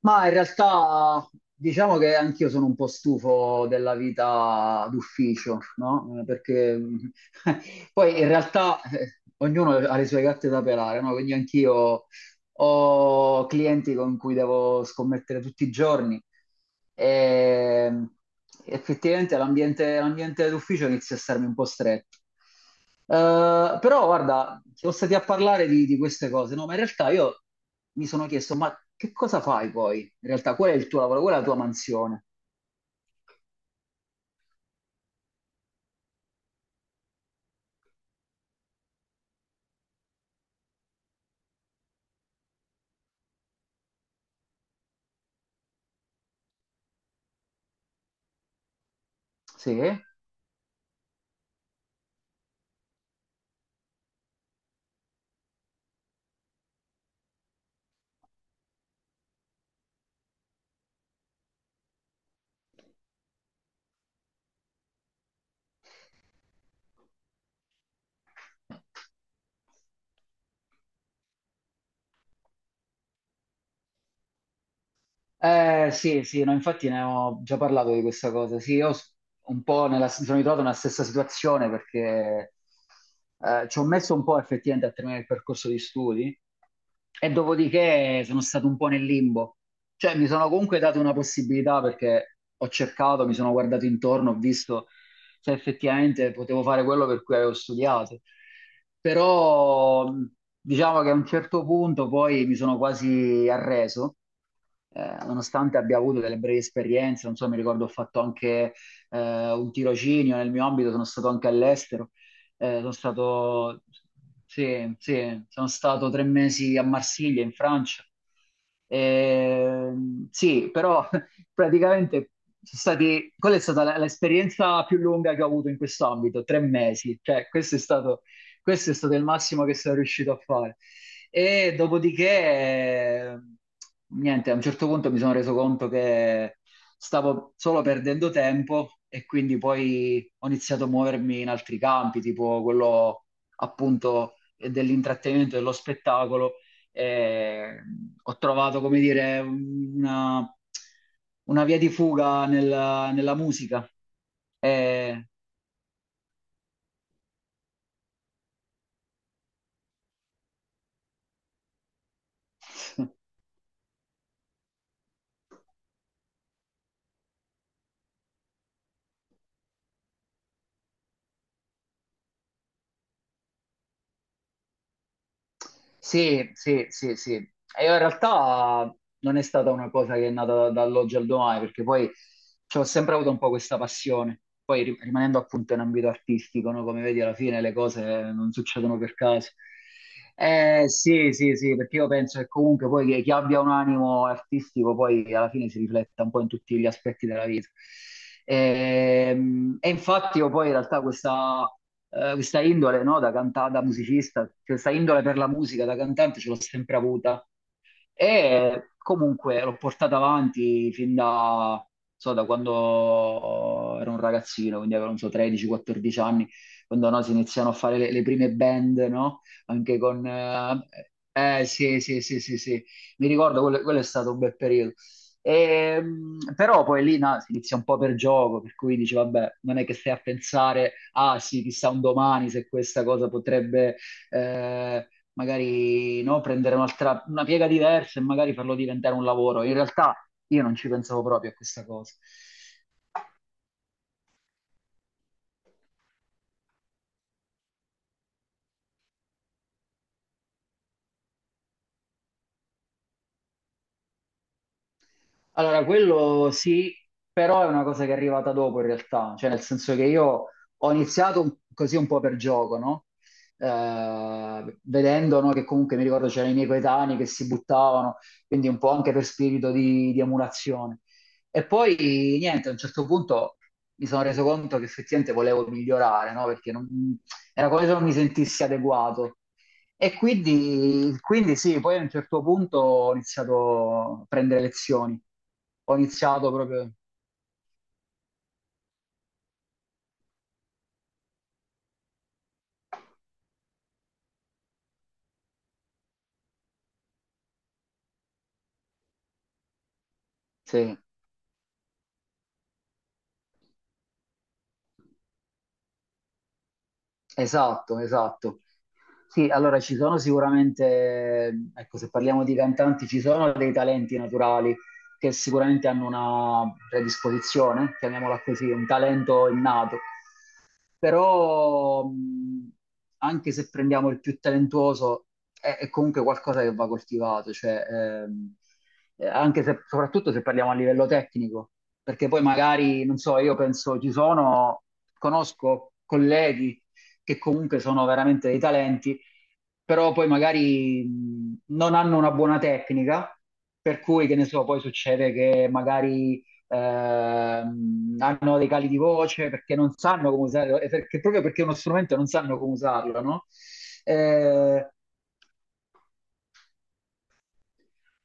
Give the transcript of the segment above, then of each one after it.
Ma in realtà diciamo che anch'io sono un po' stufo della vita d'ufficio, no? Perché poi in realtà ognuno ha le sue gatte da pelare, no? Quindi anch'io ho clienti con cui devo scommettere tutti i giorni e effettivamente l'ambiente d'ufficio inizia a starmi un po' stretto. Però guarda, siamo stati a parlare di queste cose, no? Ma in realtà io mi sono chiesto, ma che cosa fai poi? In realtà, qual è il tuo lavoro? Qual è la tua mansione? Sì. Sì, sì, no, infatti ne ho già parlato di questa cosa. Sì, io s- un po' nella, mi sono ritrovato nella stessa situazione perché ci ho messo un po' effettivamente a terminare il percorso di studi e dopodiché sono stato un po' nel limbo. Cioè, mi sono comunque dato una possibilità perché ho cercato, mi sono guardato intorno, ho visto se effettivamente potevo fare quello per cui avevo studiato. Però diciamo che a un certo punto poi mi sono quasi arreso, nonostante abbia avuto delle brevi esperienze, non so, mi ricordo ho fatto anche un tirocinio nel mio ambito, sono stato anche all'estero, eh, sono stato, sì, sì, sono stato 3 mesi a Marsiglia, in Francia. Eh, sì, però praticamente quella è stata l'esperienza più lunga che ho avuto in questo ambito, 3 mesi, cioè questo è stato il massimo che sono riuscito a fare. E dopodiché, niente, a un certo punto mi sono reso conto che stavo solo perdendo tempo e quindi poi ho iniziato a muovermi in altri campi, tipo quello appunto dell'intrattenimento, dello spettacolo e ho trovato, come dire, una via di fuga nella musica. E Sì, sì, sì, sì. E in realtà non è stata una cosa che è nata dall'oggi al domani, perché poi ci ho sempre avuto un po' questa passione. Poi rimanendo appunto in ambito artistico, no? Come vedi, alla fine le cose non succedono per caso. Sì, sì, sì, perché io penso che comunque poi chi abbia un animo artistico poi alla fine si rifletta un po' in tutti gli aspetti della vita. E, e, infatti io poi in realtà questa indole, no, da cantata, da musicista, questa indole per la musica, da cantante ce l'ho sempre avuta. E comunque l'ho portata avanti fin da, non so, da quando ero un ragazzino, quindi avevo, non so, 13-14 anni, quando no, si iniziano a fare le prime band, no? Anche con. Sì, sì, sì, sì, sì, mi ricordo, quello è stato un bel periodo. E, però poi lì no, si inizia un po' per gioco, per cui dici, vabbè, non è che stai a pensare, ah sì, chissà un domani se questa cosa potrebbe eh, magari no, prendere un'altra, una piega diversa e magari farlo diventare un lavoro. In realtà io non ci pensavo proprio a questa cosa. Allora, quello sì, però è una cosa che è arrivata dopo in realtà, cioè nel senso che io ho iniziato così un po' per gioco, no? Vedendo, no, che comunque mi ricordo c'erano i miei coetanei che si buttavano, quindi un po' anche per spirito di emulazione. E poi niente, a un certo punto mi sono reso conto che effettivamente volevo migliorare, no? Perché era come se non mi sentissi adeguato. E quindi sì, poi a un certo punto ho iniziato a prendere lezioni. Ho iniziato proprio. Sì, esatto, esatto. Sì, allora ci sono sicuramente, ecco, se parliamo di cantanti, ci sono dei talenti naturali che sicuramente hanno una predisposizione, chiamiamola così, un talento innato. Però anche se prendiamo il più talentuoso è comunque qualcosa che va coltivato, cioè, ehm, anche se, soprattutto se parliamo a livello tecnico, perché poi magari, non so, io penso ci sono, conosco colleghi che comunque sono veramente dei talenti, però poi magari non hanno una buona tecnica, per cui, che ne so, poi succede che magari hanno dei cali di voce perché non sanno come usarlo, e perché, proprio perché è uno strumento non sanno come usarlo, no? Eh,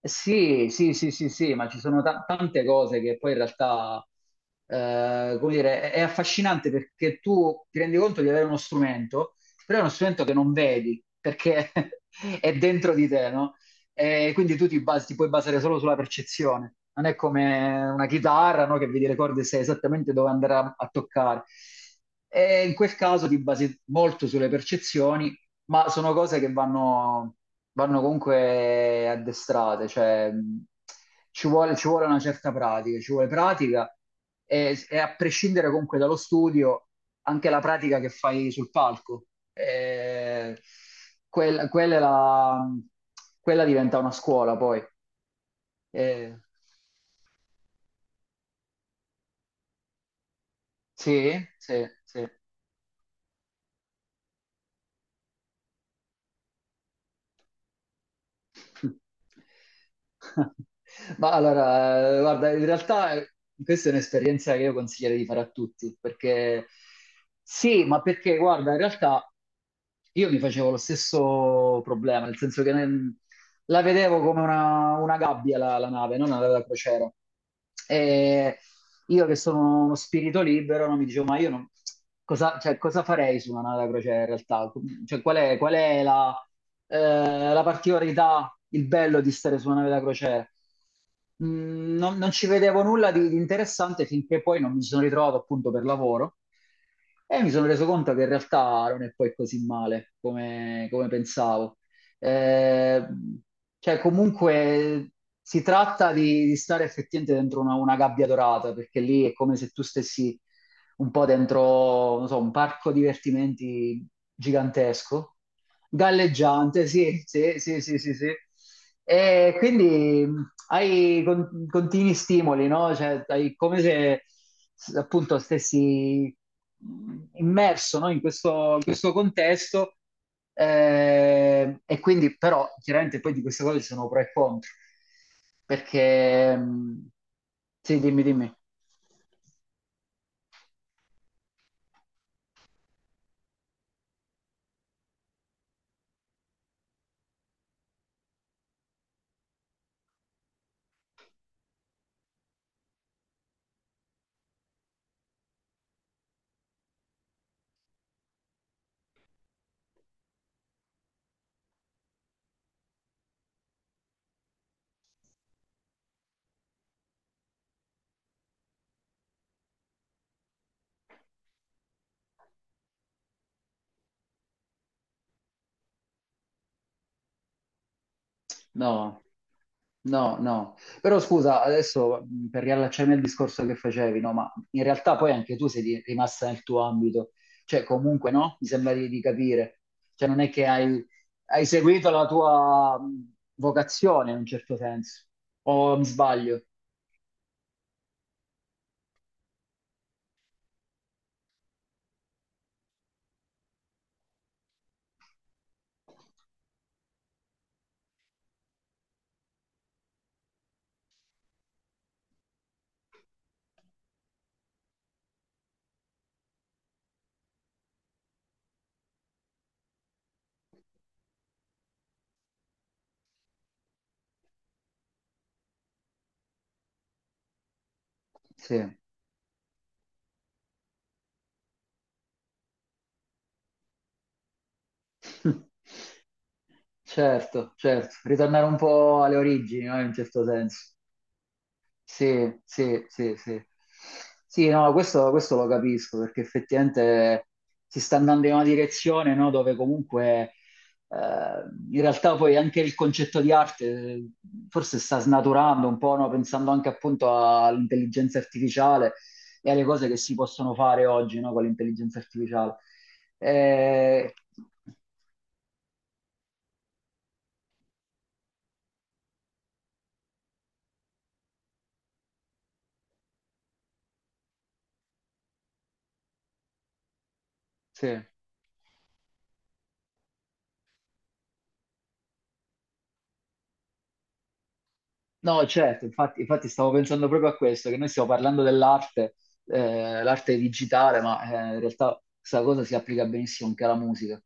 Sì sì, sì, sì, sì, ma ci sono tante cose che poi in realtà, come dire, è affascinante perché tu ti rendi conto di avere uno strumento, però è uno strumento che non vedi perché è dentro di te, no? E quindi tu ti puoi basare solo sulla percezione. Non è come una chitarra, no? Che vedi le corde e sai esattamente dove andare a toccare. E in quel caso ti basi molto sulle percezioni ma sono cose che vanno comunque addestrate, cioè ci vuole una certa pratica, ci vuole pratica e a prescindere comunque dallo studio, anche la pratica che fai sul palco, Eh, quella, quella è la- quella diventa una scuola poi. Eh, sì, sì, sì. Ma allora, guarda, in realtà questa è un'esperienza che io consiglierei di fare a tutti, perché sì, ma perché guarda, in realtà io mi facevo lo stesso problema, nel senso che la vedevo come una gabbia la nave, non una nave da crociera. E io che sono uno spirito libero, non mi dicevo, ma io cosa, cioè, cosa farei su una nave da crociera in realtà? Cioè, qual è la particolarità, il bello di stare su una nave da crociera? Non, ci vedevo nulla di interessante finché poi non mi sono ritrovato appunto per lavoro e mi sono reso conto che in realtà non è poi così male come, come pensavo. Eh, cioè, comunque si tratta di stare effettivamente dentro una gabbia dorata, perché lì è come se tu stessi un po' dentro, non so, un parco divertimenti gigantesco, galleggiante, sì, sì, sì, sì, sì, sì. E quindi hai continui stimoli, no? Cioè, hai come se appunto stessi immerso, no? In questo contesto e quindi però chiaramente poi di queste cose ci sono pro e contro perché sì, dimmi, dimmi. No, no, no. Però scusa, adesso per riallacciarmi al discorso che facevi, no, ma in realtà poi anche tu sei rimasta nel tuo ambito, cioè comunque no, mi sembra di capire, cioè non è che hai seguito la tua vocazione in un certo senso, o mi sbaglio? Sì. Certo, certo, ritornare un po' alle origini, no, in un certo senso. Sì, sì, sì, sì. Sì, no, questo lo capisco perché effettivamente si sta andando in una direzione, no, dove comunque eh, in realtà poi anche il concetto di arte eh, forse sta snaturando un po', no, pensando anche appunto all'intelligenza artificiale e alle cose che si possono fare oggi, no, con l'intelligenza artificiale. Eh, sì. No, certo, infatti stavo pensando proprio a questo, che noi stiamo parlando dell'arte, l'arte digitale, ma in realtà questa cosa si applica benissimo anche alla musica.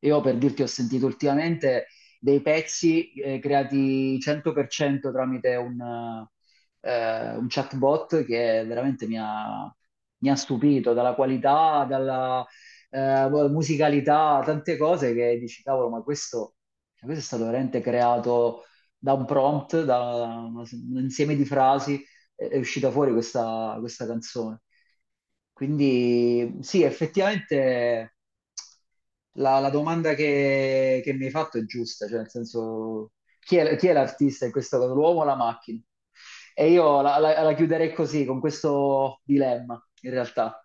Io per dirti ho sentito ultimamente dei pezzi creati 100% tramite un chatbot che veramente mi ha stupito dalla qualità, dalla musicalità, tante cose che dici, cavolo, ma questo, cioè, questo è stato veramente creato da un prompt, da un insieme di frasi, è uscita fuori questa canzone. Quindi sì, effettivamente la domanda che mi hai fatto è giusta, cioè nel senso chi è l'artista in questo caso, l'uomo o la macchina? E io la chiuderei così, con questo dilemma, in realtà.